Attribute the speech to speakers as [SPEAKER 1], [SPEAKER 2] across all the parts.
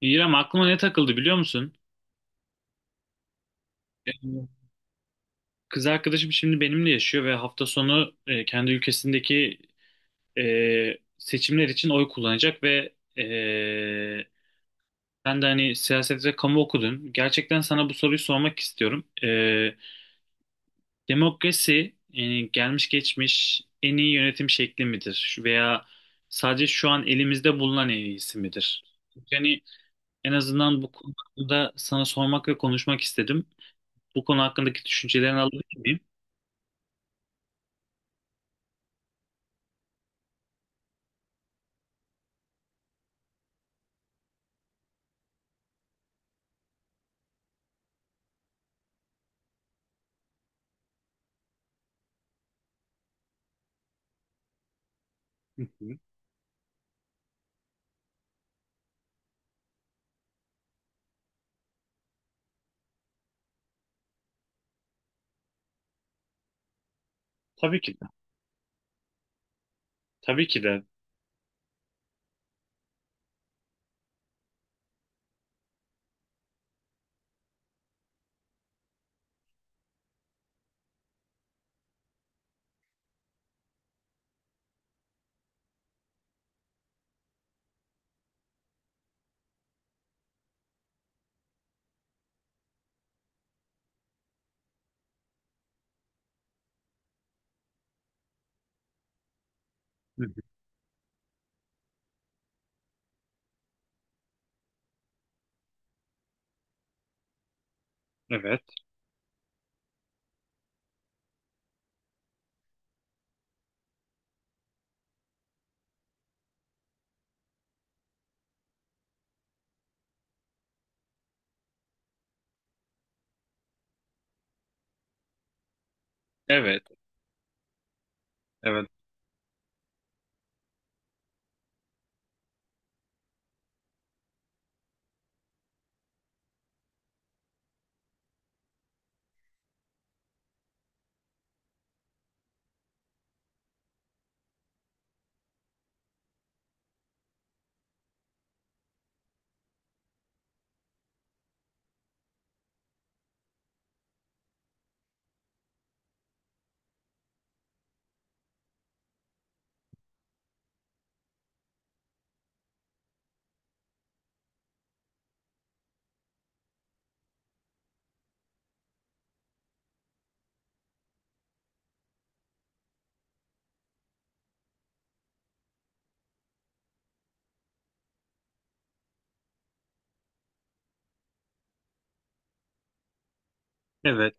[SPEAKER 1] İrem, aklıma ne takıldı biliyor musun? Ee, Kız arkadaşım şimdi benimle yaşıyor ve hafta sonu kendi ülkesindeki seçimler için oy kullanacak ve sen de hani siyaset ve kamu okudun. Gerçekten sana bu soruyu sormak istiyorum. Demokrasi yani gelmiş geçmiş en iyi yönetim şekli midir? Veya sadece şu an elimizde bulunan en iyisi midir? Yani en azından bu konuda sana sormak ve konuşmak istedim. Bu konu hakkındaki düşüncelerini alabilir miyim? Hı hı. Tabii ki de. Tabii ki de. Hı hı. Evet. Evet. Evet. Evet,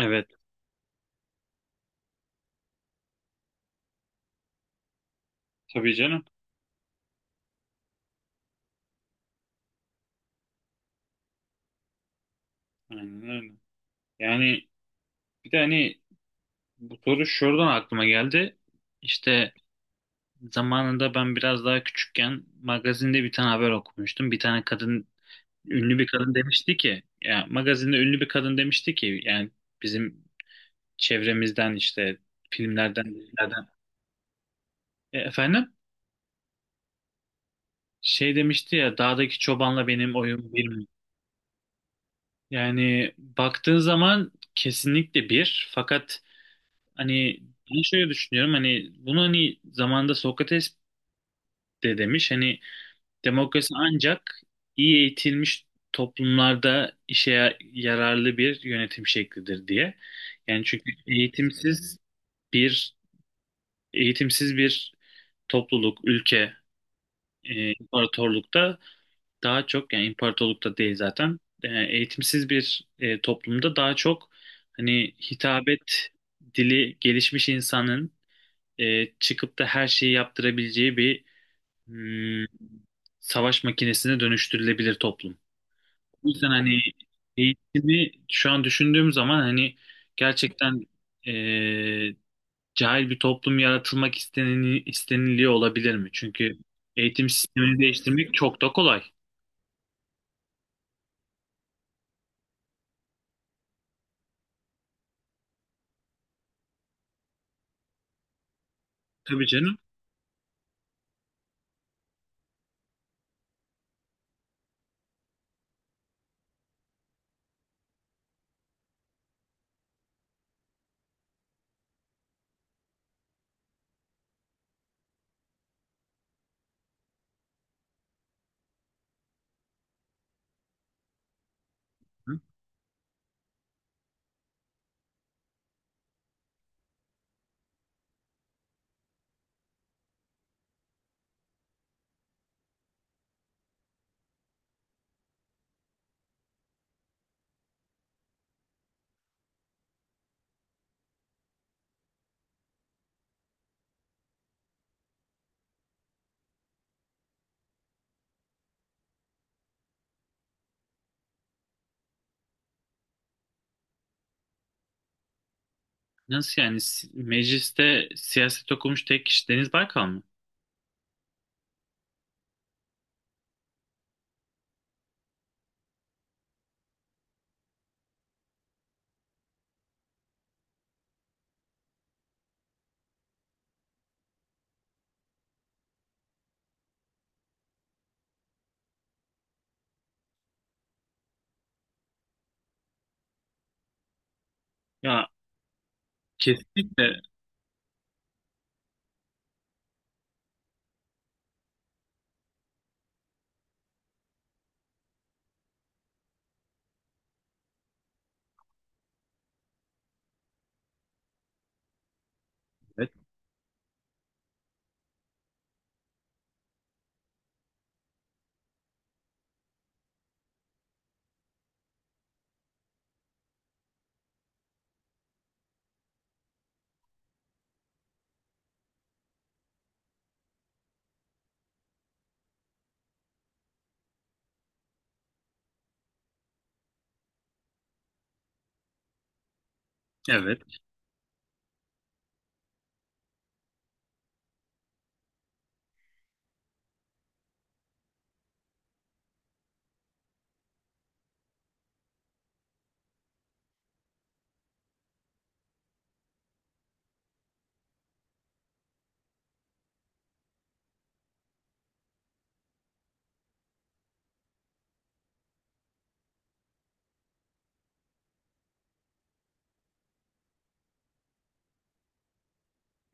[SPEAKER 1] evet. Tabii canım. Aynen öyle. Yani bir de hani bu soru şuradan aklıma geldi. İşte zamanında ben biraz daha küçükken magazinde bir tane haber okumuştum. Bir tane kadın, ünlü bir kadın demişti ki, ya magazinde ünlü bir kadın demişti ki, yani bizim çevremizden işte filmlerden, dizilerden. Efendim? Şey demişti ya, dağdaki çobanla benim oyun bir mi? Yani baktığın zaman kesinlikle bir. Fakat hani ben şöyle düşünüyorum, hani bunu hani zamanında Sokrates de demiş hani, demokrasi ancak iyi eğitilmiş toplumlarda yararlı bir yönetim şeklidir diye. Yani çünkü bir eğitimsiz bir topluluk, ülke, imparatorlukta daha çok, yani imparatorlukta değil zaten, eğitimsiz bir toplumda daha çok hani hitabet dili gelişmiş insanın çıkıp da her şeyi yaptırabileceği bir hmm, savaş makinesine dönüştürülebilir toplum. O yüzden hani eğitimi şu an düşündüğüm zaman hani gerçekten, e, cahil bir toplum isteniliyor olabilir mi? Çünkü eğitim sistemini değiştirmek çok da kolay. Tabii canım. Nasıl yani? Mecliste siyaset okumuş tek kişi Deniz Baykal mı? Ya kesinlikle evet. Evet.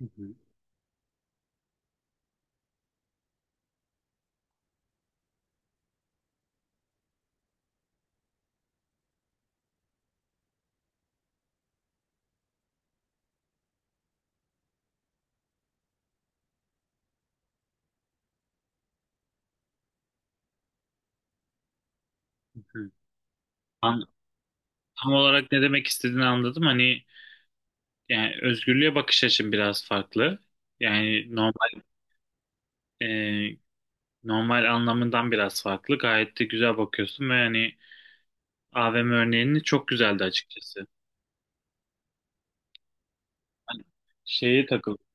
[SPEAKER 1] Hı hı, hı hı. An- Tam olarak ne demek istediğini anladım. Hani yani özgürlüğe bakış açım biraz farklı. Yani normal, e, normal anlamından biraz farklı. Gayet de güzel bakıyorsun ve hani AVM örneğini çok güzeldi açıkçası. Hani şeye takıldım.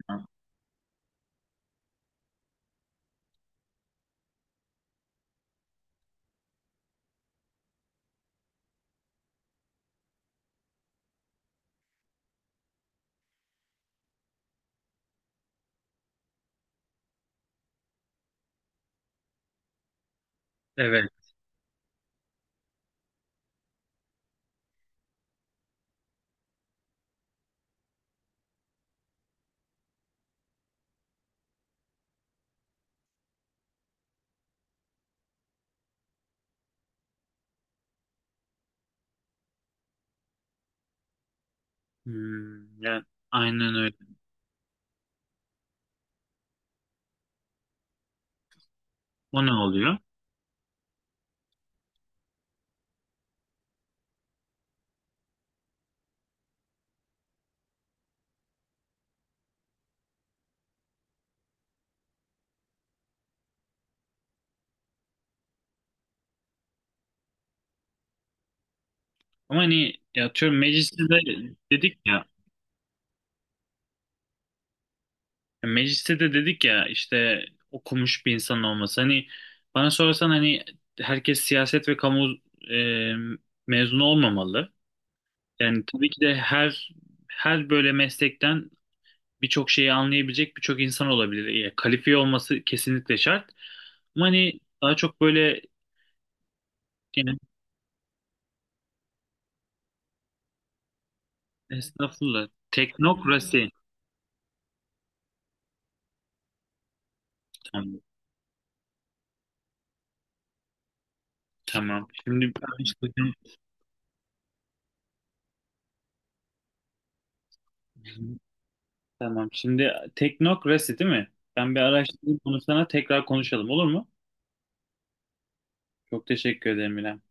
[SPEAKER 1] Evet. Hmm, yani aynen öyle. O ne oluyor? Ama hani ya atıyorum, mecliste de dedik ya, mecliste de dedik ya, işte okumuş bir insan olması. Hani bana sorarsan hani herkes siyaset ve kamu e, mezunu olmamalı. Yani tabii ki de her böyle meslekten birçok şeyi anlayabilecek birçok insan olabilir. Yani kalifiye olması kesinlikle şart. Ama hani daha çok böyle, yani estağfurullah, teknokrasi, tamam. Tamam. Şimdi araştırdım. Tamam. Şimdi teknokrasi, değil mi? Ben bir araştırayım bunu, sana tekrar konuşalım, olur mu? Çok teşekkür ederim, İrem.